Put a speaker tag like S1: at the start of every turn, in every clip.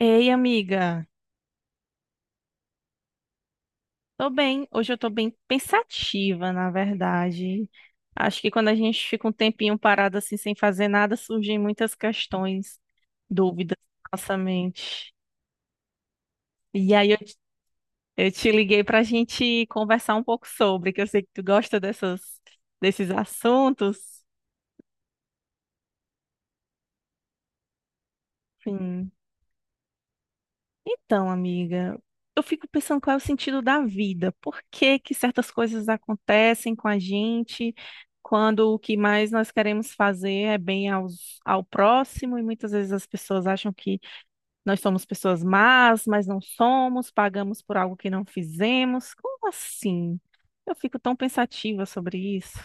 S1: Ei, amiga, tô bem. Hoje eu tô bem pensativa, na verdade. Acho que quando a gente fica um tempinho parado assim, sem fazer nada, surgem muitas questões, dúvidas na nossa mente. E aí eu te liguei pra gente conversar um pouco sobre, que eu sei que tu gosta desses assuntos. Sim. Então, amiga, eu fico pensando qual é o sentido da vida, por que que certas coisas acontecem com a gente, quando o que mais nós queremos fazer é bem aos, ao próximo, e muitas vezes as pessoas acham que nós somos pessoas más, mas não somos, pagamos por algo que não fizemos. Como assim? Eu fico tão pensativa sobre isso.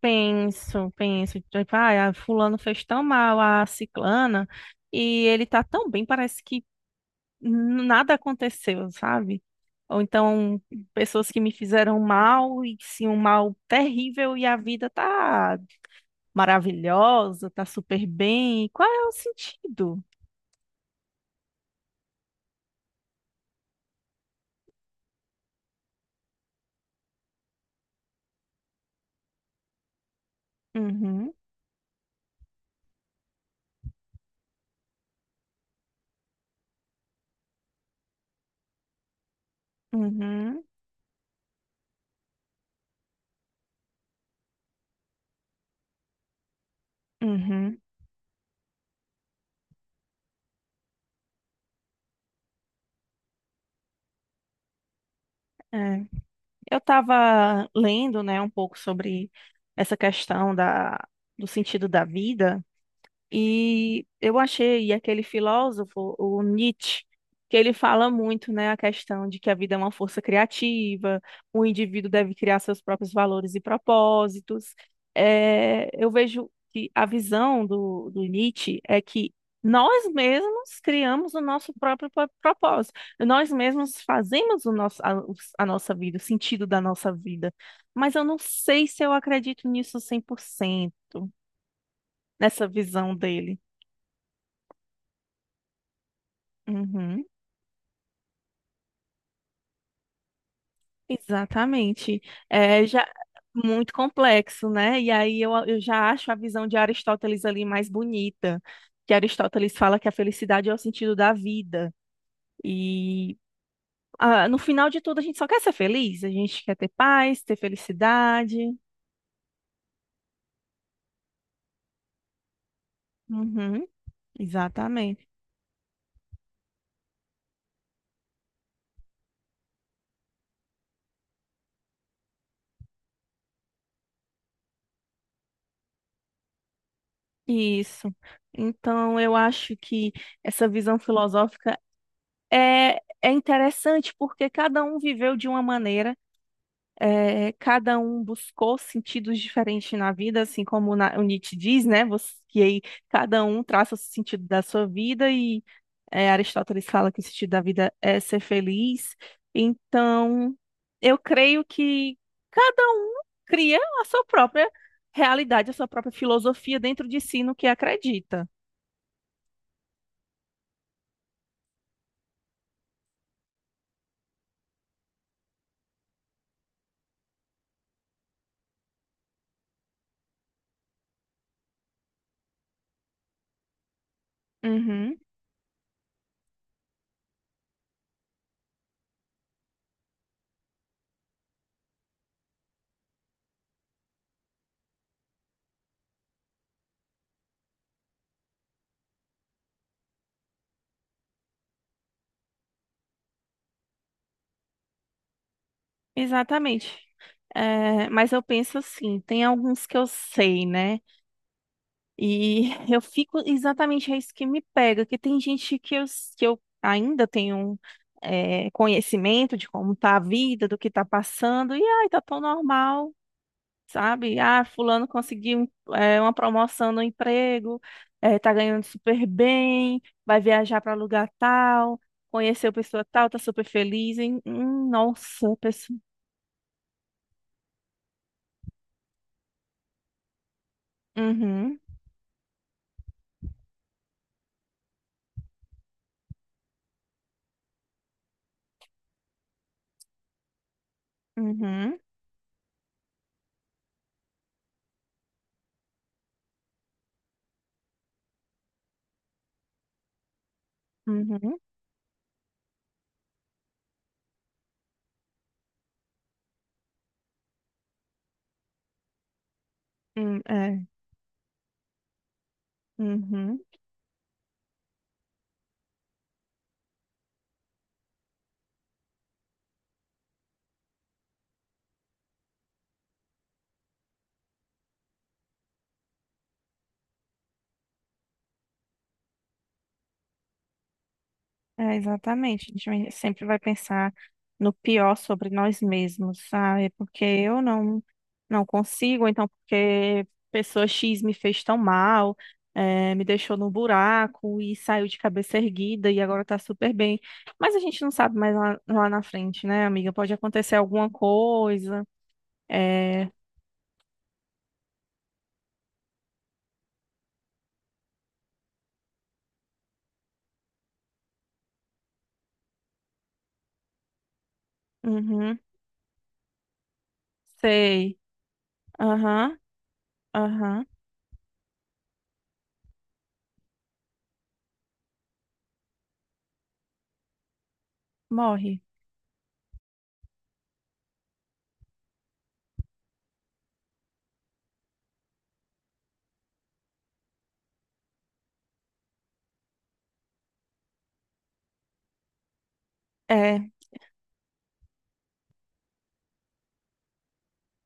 S1: Penso, penso, tipo, ah, fulano fez tão mal a ciclana. E ele tá tão bem, parece que nada aconteceu, sabe? Ou então pessoas que me fizeram mal e sim um mal terrível e a vida tá maravilhosa, tá super bem. Qual é o sentido? Uhum, uhum, uhum. É. Eu estava lendo, né, um pouco sobre essa questão da, do sentido da vida. E eu achei e aquele filósofo, o Nietzsche, que ele fala muito, né, a questão de que a vida é uma força criativa, o indivíduo deve criar seus próprios valores e propósitos. É, eu vejo que a visão do, do Nietzsche é que nós mesmos criamos o nosso próprio propósito, nós mesmos fazemos o nosso, a, os- a nossa vida, o sentido da nossa vida. Mas eu não sei se eu acredito nisso 100% nessa visão dele. Uhum, exatamente. É já muito complexo, né? E aí eu já acho a visão de Aristóteles ali mais bonita, que Aristóteles fala que a felicidade é o sentido da vida. E ah, no final de tudo, a gente só quer ser feliz, a gente quer ter paz, ter felicidade. Uhum, exatamente. Isso. Então, eu acho que essa visão filosófica é, é interessante porque cada um viveu de uma maneira. É, cada um buscou sentidos diferentes na vida, assim como o Nietzsche diz, né? Você, que aí cada um traça o sentido da sua vida e é, Aristóteles fala que o sentido da vida é ser feliz. Então, eu creio que cada um cria a sua própria realidade, a sua própria filosofia dentro de si no que acredita. Uhum, exatamente. É, mas eu penso assim, tem alguns que eu sei, né? E eu fico exatamente é isso que me pega, que tem gente que eu ainda tenho é, conhecimento de como tá a vida, do que tá passando, e ai, tá tão normal. Sabe? Ah, fulano conseguiu uma promoção no emprego, é, tá ganhando super bem, vai viajar para lugar tal, conheceu pessoa tal, tá super feliz, hein? Nossa, pessoa. Uhum, uhum, uhum, é, uhum. É, exatamente. A gente sempre vai pensar no pior sobre nós mesmos, sabe? Porque eu não consigo, ou então porque pessoa X me fez tão mal, é, me deixou no buraco e saiu de cabeça erguida e agora tá super bem. Mas a gente não sabe mais lá, lá na frente, né, amiga? Pode acontecer alguma coisa. É, uhum, sei. Aham, aham, morre. É.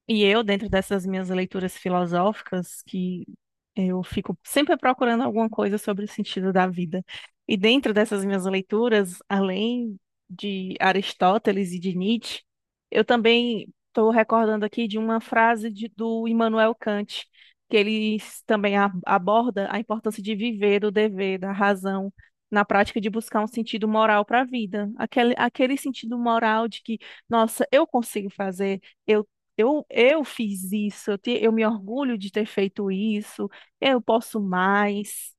S1: E eu, dentro dessas minhas leituras filosóficas, que eu fico sempre procurando alguma coisa sobre o sentido da vida. E dentro dessas minhas leituras, além de Aristóteles e de Nietzsche, eu também estou recordando aqui de uma frase do Immanuel Kant, que ele também aborda a importância de viver o dever, da razão, na prática de buscar um sentido moral para a vida. Aquele, aquele sentido moral de que, nossa, eu consigo fazer, eu, eu fiz isso, eu me orgulho de ter feito isso eu posso mais,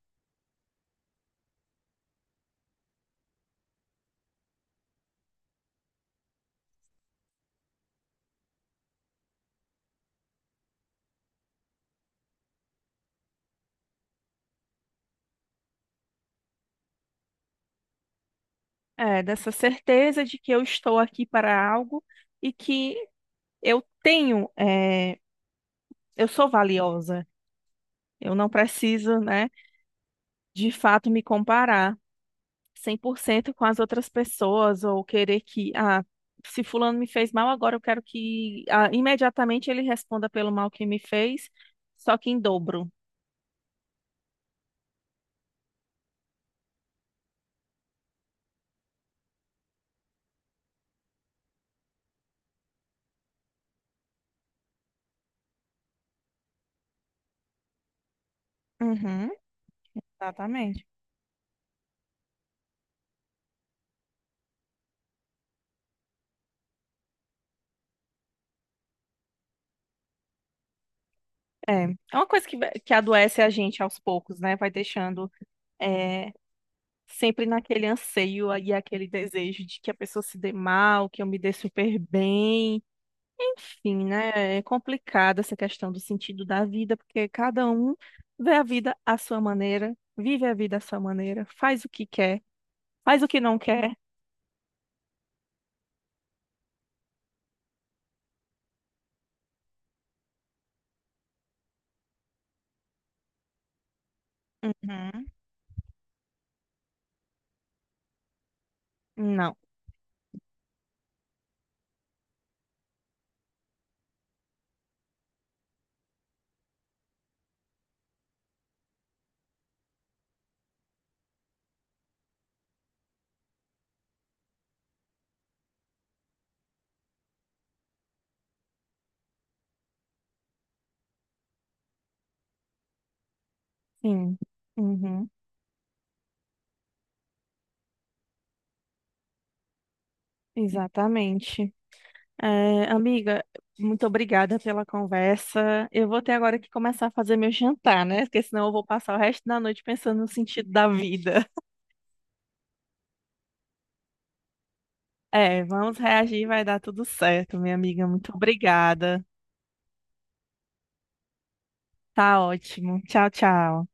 S1: é, dessa certeza de que eu estou aqui para algo e que eu tenho, é, eu sou valiosa. Eu não preciso, né, de fato me comparar 100% com as outras pessoas ou querer que, ah, se fulano me fez mal, agora eu quero que, ah, imediatamente ele responda pelo mal que me fez, só que em dobro. Uhum, exatamente. É, é uma coisa que adoece a gente aos poucos, né? Vai deixando. É, sempre naquele anseio e aquele desejo de que a pessoa se dê mal, que eu me dê super bem. Enfim, né? É complicada essa questão do sentido da vida, porque cada um vê a vida à sua maneira, vive a vida à sua maneira, faz o que quer, faz o que não quer. Uhum. Não. Sim. Uhum. Exatamente. É, amiga, muito obrigada pela conversa. Eu vou ter agora que começar a fazer meu jantar, né? Porque senão eu vou passar o resto da noite pensando no sentido da vida. É, vamos reagir, vai dar tudo certo, minha amiga. Muito obrigada. Tá ótimo. Tchau, tchau.